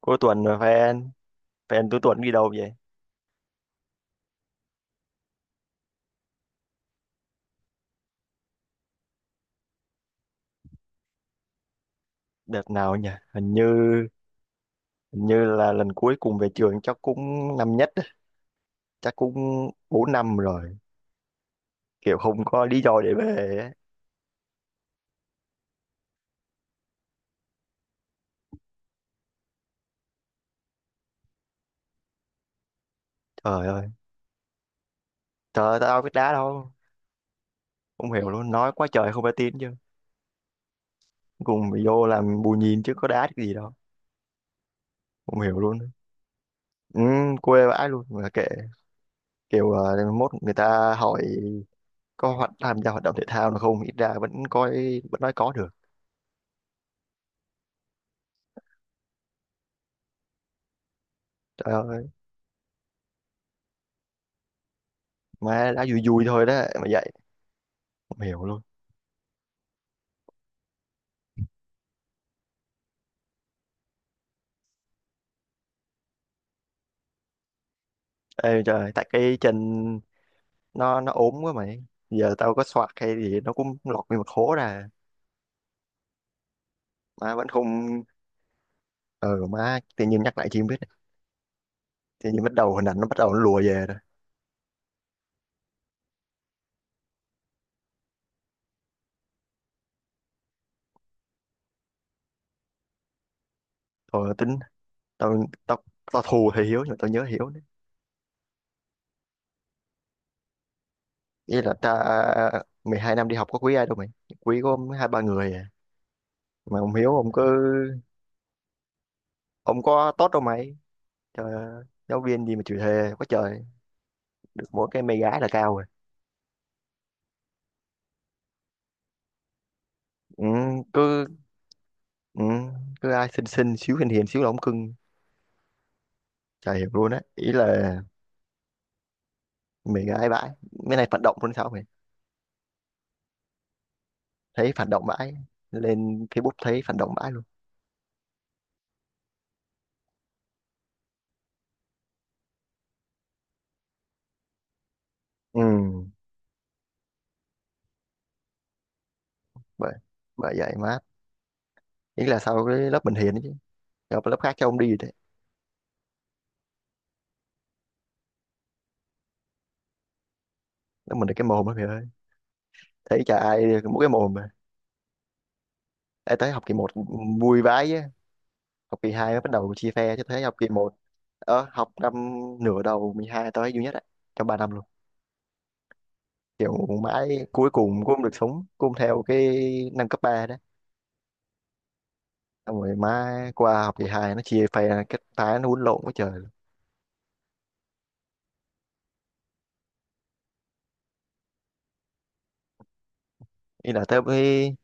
Cuối tuần rồi phải anh? Phải cuối tuần đi đâu vậy? Đợt nào nhỉ? Hình như là lần cuối cùng về trường chắc cũng năm nhất á. Chắc cũng 4 năm rồi. Kiểu không có lý do để về á. Trời ơi, trời ơi, tao biết đá đâu. Không hiểu luôn, nói quá trời không phải tin chứ. Cùng bị vô làm bù nhìn chứ có đá cái gì đâu. Không hiểu luôn. Ừ, quê vãi luôn mà kệ, kiểu mốt người ta hỏi có hoạt tham gia hoạt động thể thao nào không, ít ra vẫn coi vẫn nói có được. Trời ơi, mà đá vui vui thôi đó mà vậy. Không hiểu luôn. Ê trời, tại cái chân nó ốm quá mày. Giờ tao có xoạc hay gì nó cũng lọt nguyên một hố ra. Má vẫn không... Ừ má, tự nhiên nhắc lại chi không biết. Tự nhiên bắt đầu hình ảnh nó bắt đầu nó lùa về rồi. Thôi tính, tao, tao, tao thù thì Hiếu nhưng mà tao nhớ Hiếu nữa. Ý là ta 12 năm đi học có quý ai đâu mày. Quý có hai ba người à. Mà ông Hiếu ông cứ... Ông có tốt đâu mày. Trời ơi, giáo viên gì mà chịu thề quá trời. Được mỗi cái mê gái là cao rồi. Ừ, cứ... Ừ, cứ ai xinh xinh xíu hiền hiền xíu là ông cưng, chả hiểu luôn á. Ý là mình ai bãi, mấy này phản động luôn sao mày, thấy phản động bãi, lên Facebook thấy phản động bãi luôn. Ừ, bởi bởi vậy mát. Ý là sau cái lớp mình hiền ấy chứ, gặp lớp khác cho ông đi đấy. Lớp mình là cái mồm á mày ơi, thấy chả ai mỗi cái mồm mà. Ê, tới học kỳ một vui vãi á. Học kỳ hai mới bắt đầu chia phe chứ thấy học kỳ một học năm, nửa đầu 12 tới duy nhất á, trong ba năm luôn, kiểu mãi cuối cùng cũng không được sống cũng theo cái năm cấp 3. Xong rồi má qua học kỳ hai nó chia phe ra, cái phái nó quýnh lộn quá trời. Ý là tới bây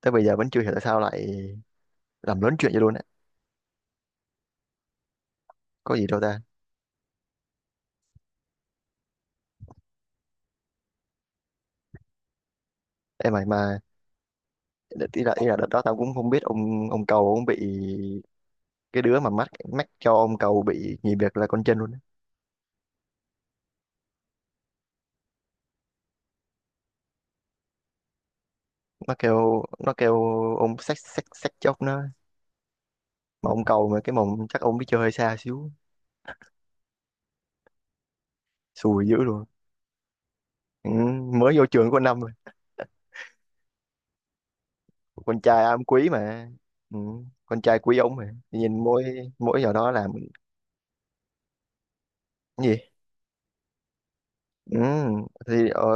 tới bây giờ vẫn chưa hiểu tại sao lại làm lớn chuyện vậy luôn á. Có gì đâu ta. Em mày mà. Ý là đợt đó tao cũng không biết ông cầu ông bị, cái đứa mà mắc mắc cho ông cầu bị nghỉ việc là con chân luôn á. Nó kêu ông xách xách xách chốc nó, mà ông cầu mà cái mồm chắc ông đi chơi hơi xa xíu, xùi dữ luôn. Ừ, mới vô trường có năm rồi, con trai am quý mà. Ừ, con trai quý ông mà nhìn mỗi mỗi giờ đó làm. Cái gì? Ừ, thì ở,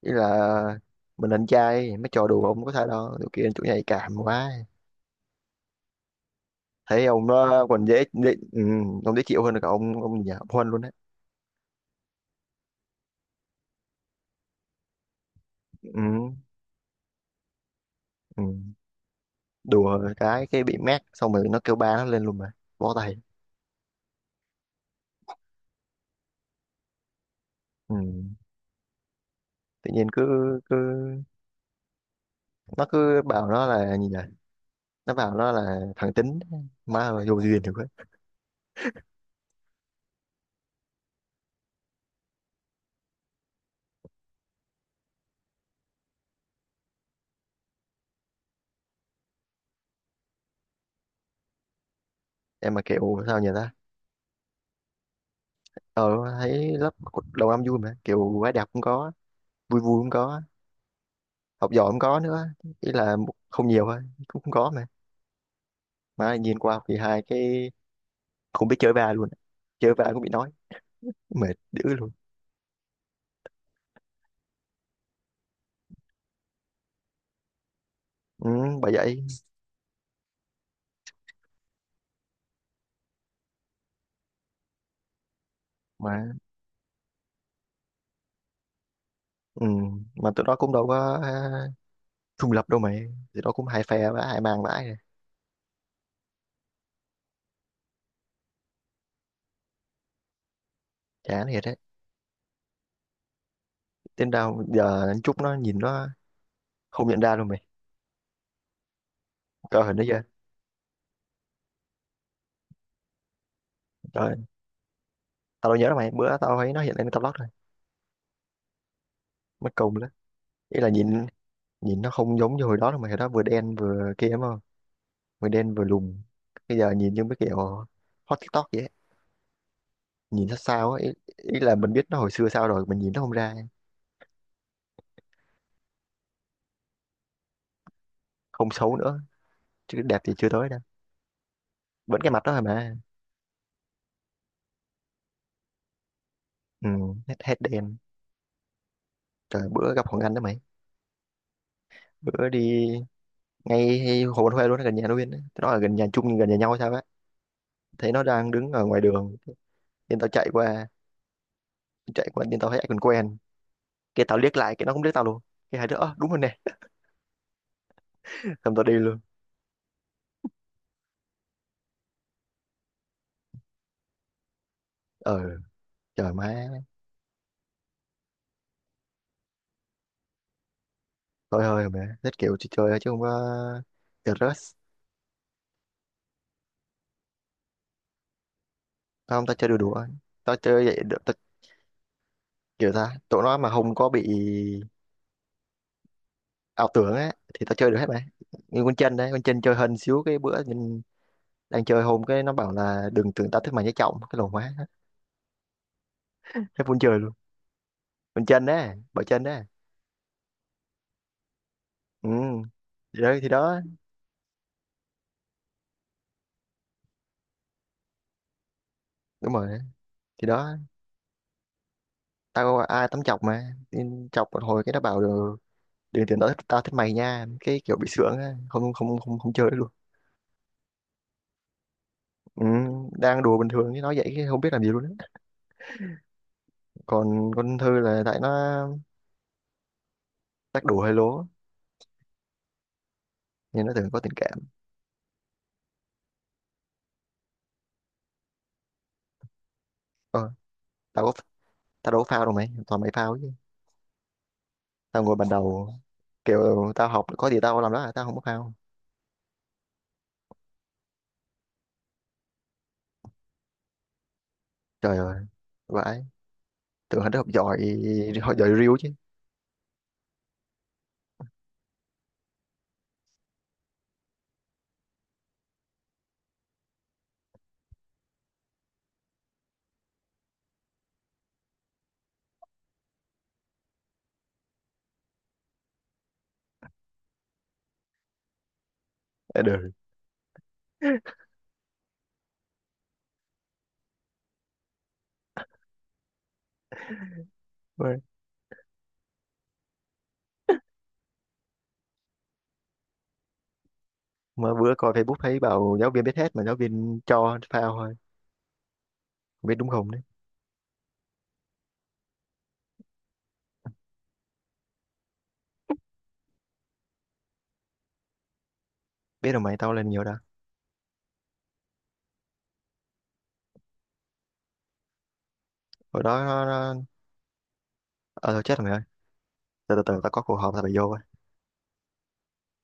ý là mình anh trai mấy trò đùa ông có thể đâu, tụi kia chủ nhạy cảm quá, thấy ông nó còn dễ. Ừ, ông dễ chịu hơn cả ông nhà ông Huân luôn đấy. Ừ, ừ. Đùa cái bị mát xong rồi nó kêu ba nó lên luôn mà, bó tay. Ừ. Tự nhiên cứ cứ nó cứ bảo nó là gì nhỉ, nó bảo nó là thằng tính. Má ơi vô duyên thì quá. Em mà kiểu sao nhỉ ta. ờ Thấy lớp đầu năm vui mà, kiểu gái đẹp cũng có, vui vui cũng có, học giỏi không có nữa. Ý là không nhiều thôi cũng không có mà nhìn qua học kỳ hai cái không biết chơi va luôn, chơi va cũng bị nói, mệt dữ luôn. Ừ, bởi vậy mà. Ừ, mà tụi nó cũng đâu có à, trung lập đâu mày, tụi nó cũng hai phe và hai mang vãi rồi. Chán thiệt đấy. Đến đâu giờ chút nó nhìn nó không nhận ra luôn mày, coi hình nó chưa? Trời ơi, tao đâu nhớ đâu mày, bữa tao thấy nó hiện lên tao lót rồi, mất công lắm. Ý là nhìn, nhìn nó không giống như hồi đó đâu mày, hồi đó vừa đen vừa kia mà, mới đen vừa lùn. Bây giờ nhìn như mấy kiểu hot TikTok vậy ấy, nhìn sao sao ấy ý. Ý là mình biết nó hồi xưa sao rồi mình nhìn nó không ra. Không xấu nữa chứ đẹp thì chưa tới đâu, vẫn cái mặt đó thôi mà. Ừ, hết hết đen. Trời bữa gặp Hoàng Anh đó mày, bữa đi ngay Hồ Văn Huê luôn, gần nhà nó Nguyên ấy, nó là gần nhà chung nhưng gần nhà nhau hay sao á. Thấy nó đang đứng ở ngoài đường nên tao chạy qua, chạy qua nên tao thấy ai còn quen, cái tao liếc lại cái nó cũng liếc tao luôn, cái hai đứa "Ơ, đúng rồi nè". Xong tao đi luôn. Ờ, trời má. Thôi thôi mẹ thích kiểu chơi chơi thôi chứ không có được rush. Không, tao chơi đùa đùa, tao chơi vậy được. Tao kiểu ta tụi nó mà không có bị ảo tưởng á thì tao chơi được hết mày. Như con chân đấy, con chân chơi hên xíu cái bữa nhìn, đang chơi hôm cái nó bảo là đừng tưởng tao thích mày nhé, trọng cái lồn quá, hết muốn chơi luôn. Con chân đấy, bởi chân đấy. Ừ, thì đó, thì đó. Đúng rồi, thì đó. Tao có ai tắm chọc mà, nên chọc một hồi cái nó bảo được, đừng tưởng tao thích, mày nha, cái kiểu bị sướng á, không không không không chơi được luôn. Ừ, đang đùa bình thường chứ nói vậy chứ không biết làm gì luôn á. Còn con Thư là tại nó, chắc đùa hơi lố, nhưng nó thường có tình cảm. Ờ, tao có, tao đâu có phao đâu mày, toàn mày phao chứ. Tao ngồi bàn đầu, kiểu tao học có gì tao làm đó à, tao không có phao. Trời ơi, vãi, tưởng hắn học giỏi, học giỏi riu chứ. Đã đời. Ôi, mà bữa coi Facebook thấy bảo giáo viên biết hết mà giáo viên cho phao thôi, không biết đúng không đấy. Biết rồi mày, tao lên nhiều đã. Hồi đó nó... Ờ thôi chết rồi mày ơi. Từ từ, từ tao có cuộc họp tao phải vô rồi.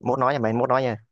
Mốt nói nha mày, mốt nói nha.